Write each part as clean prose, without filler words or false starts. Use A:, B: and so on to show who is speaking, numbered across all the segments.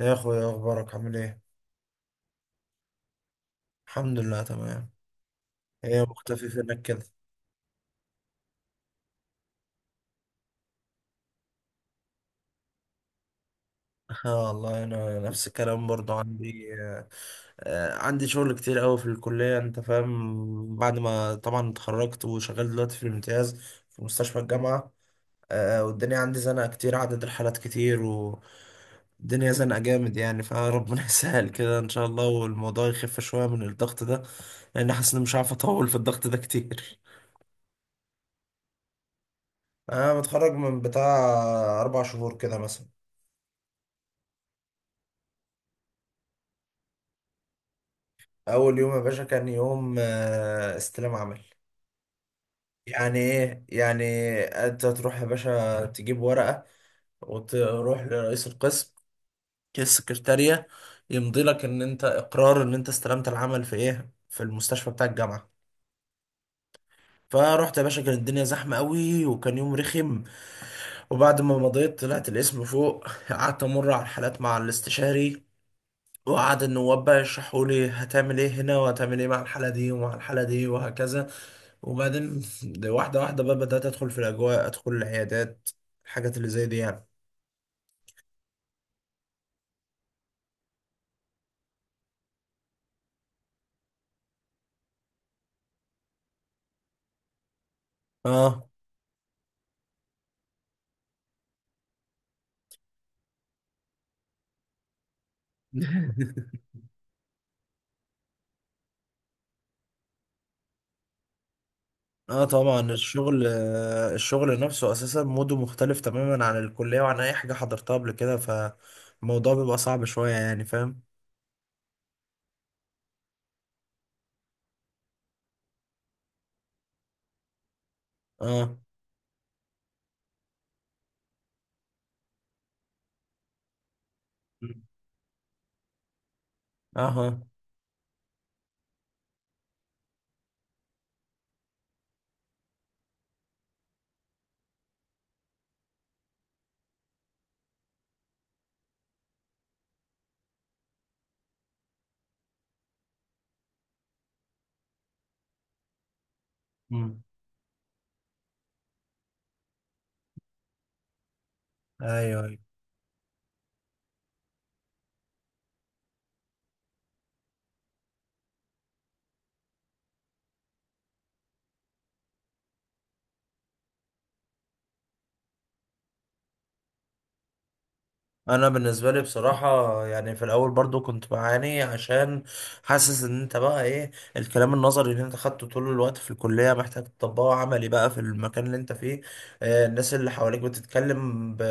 A: يا اخويا اخبارك عامل ايه؟ الحمد لله تمام. ايه مختفي فينك كده؟ اه والله انا نفس الكلام برضو عندي عندي شغل كتير قوي في الكليه، انت فاهم، بعد ما طبعا اتخرجت وشغال دلوقتي في الامتياز في مستشفى الجامعه. والدنيا عندي زنقه كتير، عدد الحالات كتير والدنيا زنقه جامد يعني، فربنا يسهل كده ان شاء الله والموضوع يخف شويه من الضغط ده، لان حاسس اني مش عارف اطول في الضغط ده كتير. انا متخرج من بتاع 4 شهور كده مثلا. اول يوم يا باشا كان يوم استلام عمل. يعني ايه يعني؟ انت تروح يا باشا تجيب ورقة وتروح لرئيس القسم، السكرتارية، يمضي لك ان انت اقرار ان انت استلمت العمل في ايه، في المستشفى بتاع الجامعة. فرحت يا باشا كانت الدنيا زحمة قوي وكان يوم رخم، وبعد ما مضيت طلعت الاسم فوق قعدت امر على الحالات مع الاستشاري وقعد النواب بقى يشرحوا لي هتعمل ايه هنا وهتعمل ايه مع الحالة دي ومع الحالة دي وهكذا. وبعدين ده واحدة واحدة بقى بدأت أدخل في الأجواء، أدخل العيادات، الحاجات اللي زي دي يعني. اه. اه طبعا الشغل، الشغل نفسه أساسا موده مختلف تماما عن الكلية وعن أي حاجة حضرتها قبل كده، فالموضوع بيبقى صعب شوية يعني، فاهم. اه. اها. مم. ايوه، أيوة. انا بالنسبه لي بصراحه، يعني في الاول برضو كنت بعاني عشان حاسس ان انت بقى ايه، الكلام النظري اللي انت خدته طول الوقت في الكليه محتاج تطبقه عملي بقى في المكان اللي انت فيه. الناس اللي حواليك بتتكلم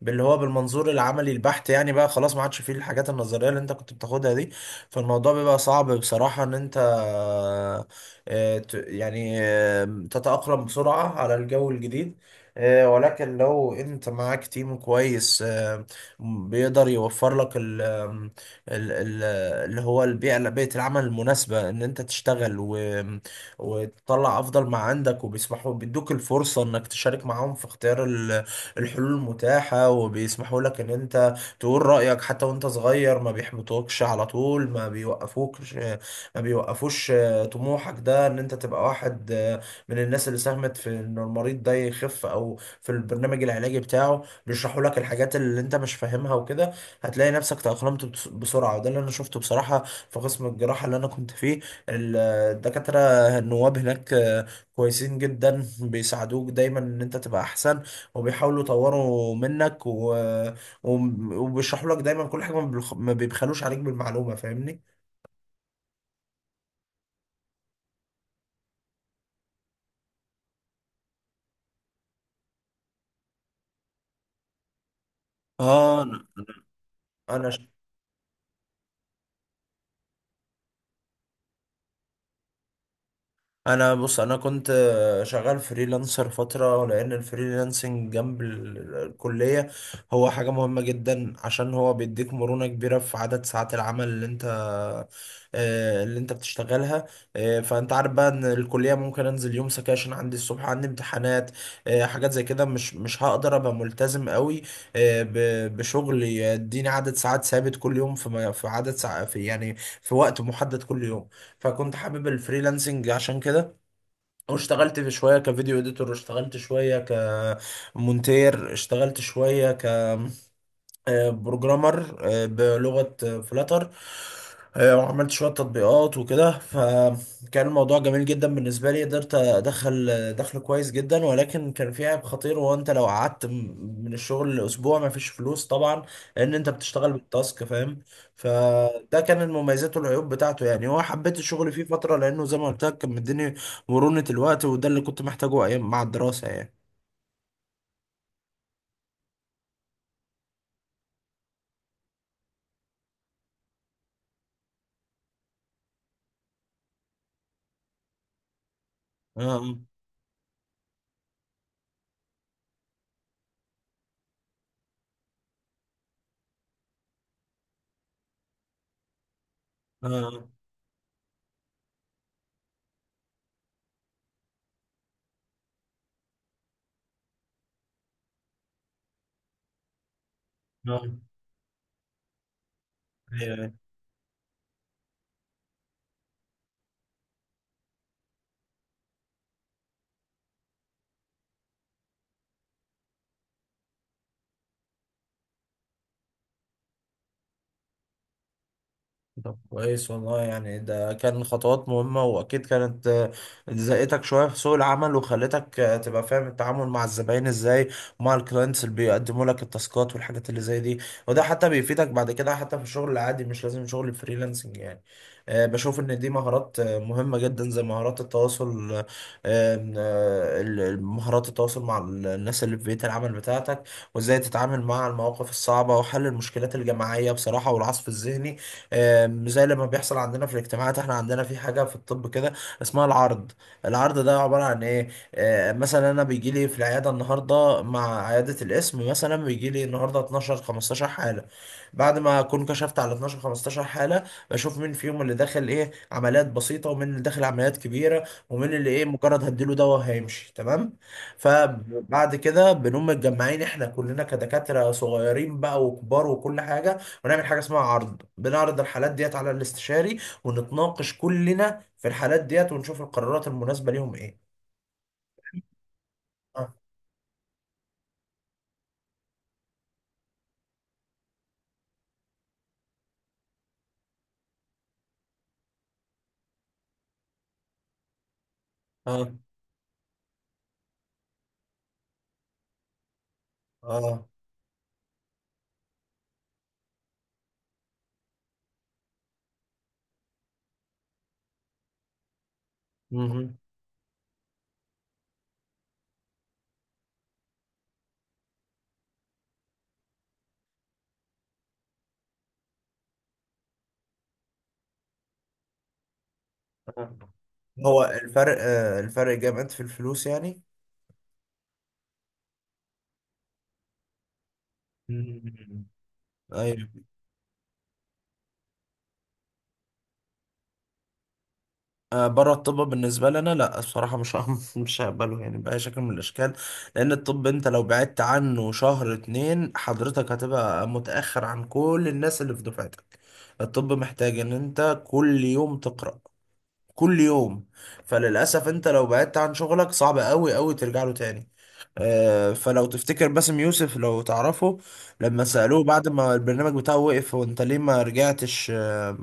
A: باللي هو بالمنظور العملي البحت يعني، بقى خلاص ما عادش فيه الحاجات النظريه اللي انت كنت بتاخدها دي. فالموضوع بيبقى صعب بصراحه ان انت آه، ت... يعني آه، تتاقلم بسرعه على الجو الجديد. ولكن لو انت معاك تيم كويس بيقدر يوفر لك ال ال ال اللي هو البيئة، بيئة العمل المناسبة ان انت تشتغل، و وتطلع افضل ما عندك، وبيسمحوا بيدوك الفرصة انك تشارك معاهم في اختيار الحلول المتاحة، وبيسمحوا لك ان انت تقول رأيك حتى وانت صغير، ما بيحبطوكش على طول، ما بيوقفوكش، ما بيوقفوش طموحك ده ان انت تبقى واحد من الناس اللي ساهمت في ان المريض ده يخف او في البرنامج العلاجي بتاعه. بيشرحوا لك الحاجات اللي انت مش فاهمها وكده، هتلاقي نفسك تأقلمت بسرعة، وده اللي انا شفته بصراحة في قسم الجراحة اللي انا كنت فيه. الدكاترة النواب هناك كويسين جدا، بيساعدوك دايما ان انت تبقى احسن وبيحاولوا يطوروا منك وبيشرحوا لك دايما كل حاجة، ما بيبخلوش عليك بالمعلومة، فاهمني. اه. انا انا بص، انا كنت شغال فريلانسر فتره لان الفريلانسنج جنب الكليه هو حاجه مهمه جدا، عشان هو بيديك مرونه كبيره في عدد ساعات العمل اللي انت اللي انت بتشتغلها. فانت عارف بقى ان الكليه ممكن انزل يوم سكاشن، عندي الصبح عندي امتحانات، حاجات زي كده مش هقدر ابقى ملتزم قوي بشغل يديني عدد ساعات ثابت كل يوم في عدد ساعات في يعني في وقت محدد كل يوم. فكنت حابب الفريلانسنج عشان كده، واشتغلت في شوية كفيديو اديتور، واشتغلت شوية كمونتير، اشتغلت شوية بروجرامر بلغة فلاتر، وعملت شوية تطبيقات وكده. فكان الموضوع جميل جدا بالنسبة لي، قدرت أدخل دخل كويس جدا، ولكن كان في عيب خطير، وهو أنت لو قعدت من الشغل لأسبوع مفيش فلوس طبعا، لأن أنت بتشتغل بالتاسك، فاهم. فده كان المميزات والعيوب بتاعته يعني، هو حبيت الشغل فيه فترة لأنه زي ما قلت لك كان مديني مرونة الوقت، وده اللي كنت محتاجه أيام مع الدراسة يعني. آه آه آه آه. آه. طب كويس والله، يعني ده كان خطوات مهمة وأكيد كانت زقتك شوية في سوق العمل وخلتك تبقى فاهم التعامل مع الزباين إزاي، ومع الكلاينتس اللي بيقدموا لك التاسكات والحاجات اللي زي دي. وده حتى بيفيدك بعد كده، حتى في الشغل العادي مش لازم شغل الفريلانسنج يعني. بشوف إن دي مهارات مهمة جدا، زي مهارات التواصل، مهارات التواصل مع الناس اللي في بيئة العمل بتاعتك، وإزاي تتعامل مع المواقف الصعبة، وحل المشكلات الجماعية بصراحة، والعصف الذهني. زي لما بيحصل عندنا في الاجتماعات، احنا عندنا في حاجة في الطب كده اسمها العرض. العرض ده عبارة عن ايه؟ مثلا انا بيجي لي في العيادة النهاردة مع عيادة القسم، مثلا بيجي لي النهاردة 12-15 حالة. بعد ما اكون كشفت على 12-15 حالة، بشوف مين فيهم اللي داخل ايه عمليات بسيطة ومين اللي داخل عمليات كبيرة، ومين اللي ايه مجرد هديله دواء هيمشي تمام. فبعد كده بنقوم متجمعين احنا كلنا كدكاترة صغيرين بقى وكبار وكل حاجة، ونعمل حاجه اسمها عرض، بنعرض الحالات ديت على الاستشاري، ونتناقش كلنا في الحالات ديت ونشوف القرارات المناسبه ليهم ايه. اه. اه. اه. مهم. اه، هو الفرق الفرق جامد في الفلوس يعني. مم. ايوه. آه، بره الطب بالنسبه لنا لا الصراحه مش هم- مش هقبله يعني باي شكل من الاشكال، لان الطب انت لو بعدت عنه شهر 2 حضرتك هتبقى متاخر عن كل الناس اللي في دفعتك. الطب محتاج ان انت كل يوم تقرا، كل يوم. فللأسف انت لو بعدت عن شغلك صعب قوي قوي ترجع له تاني. فلو تفتكر باسم يوسف لو تعرفه، لما سألوه بعد ما البرنامج بتاعه وقف هو انت ليه ما رجعتش آه،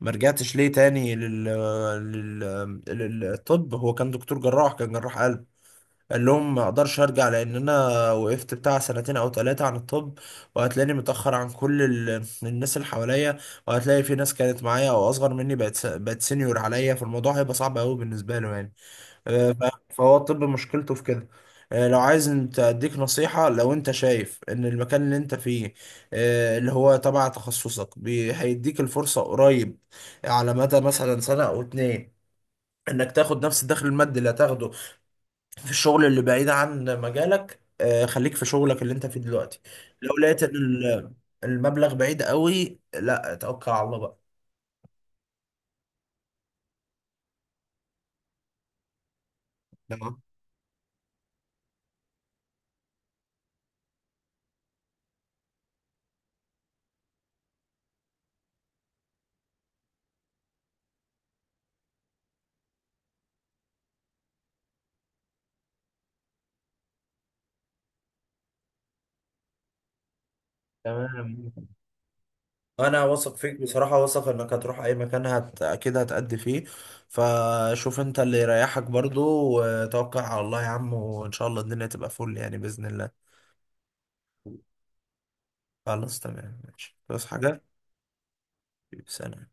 A: ما رجعتش ليه تاني لل... آه، لل... للطب، هو كان دكتور جراح، كان جراح قلب. قال لهم ما اقدرش ارجع لان انا وقفت بتاع سنتين او 3 عن الطب، وهتلاقيني متأخر عن كل الناس اللي حواليا، وهتلاقي في ناس كانت معايا او اصغر مني بقت سينيور عليا، فالموضوع هيبقى صعب قوي بالنسبة له يعني. فهو الطب مشكلته في كده. لو عايز انت اديك نصيحة، لو انت شايف ان المكان اللي انت فيه اللي هو تبع تخصصك هيديك الفرصة قريب على مدى مثلا سنة او 2 انك تاخد نفس الدخل المادي اللي هتاخده في الشغل اللي بعيد عن مجالك، خليك في شغلك اللي انت فيه دلوقتي. لو لقيت ان المبلغ بعيد قوي لا توكل على الله بقى. تمام. تمام، انا واثق فيك بصراحه، واثق انك هتروح اي مكان اكيد هتأدي فيه، فشوف انت اللي يريحك برضو وتوكل على الله يا عم، وان شاء الله الدنيا تبقى فل يعني باذن الله. خلاص تمام ماشي بس حاجه. سلام.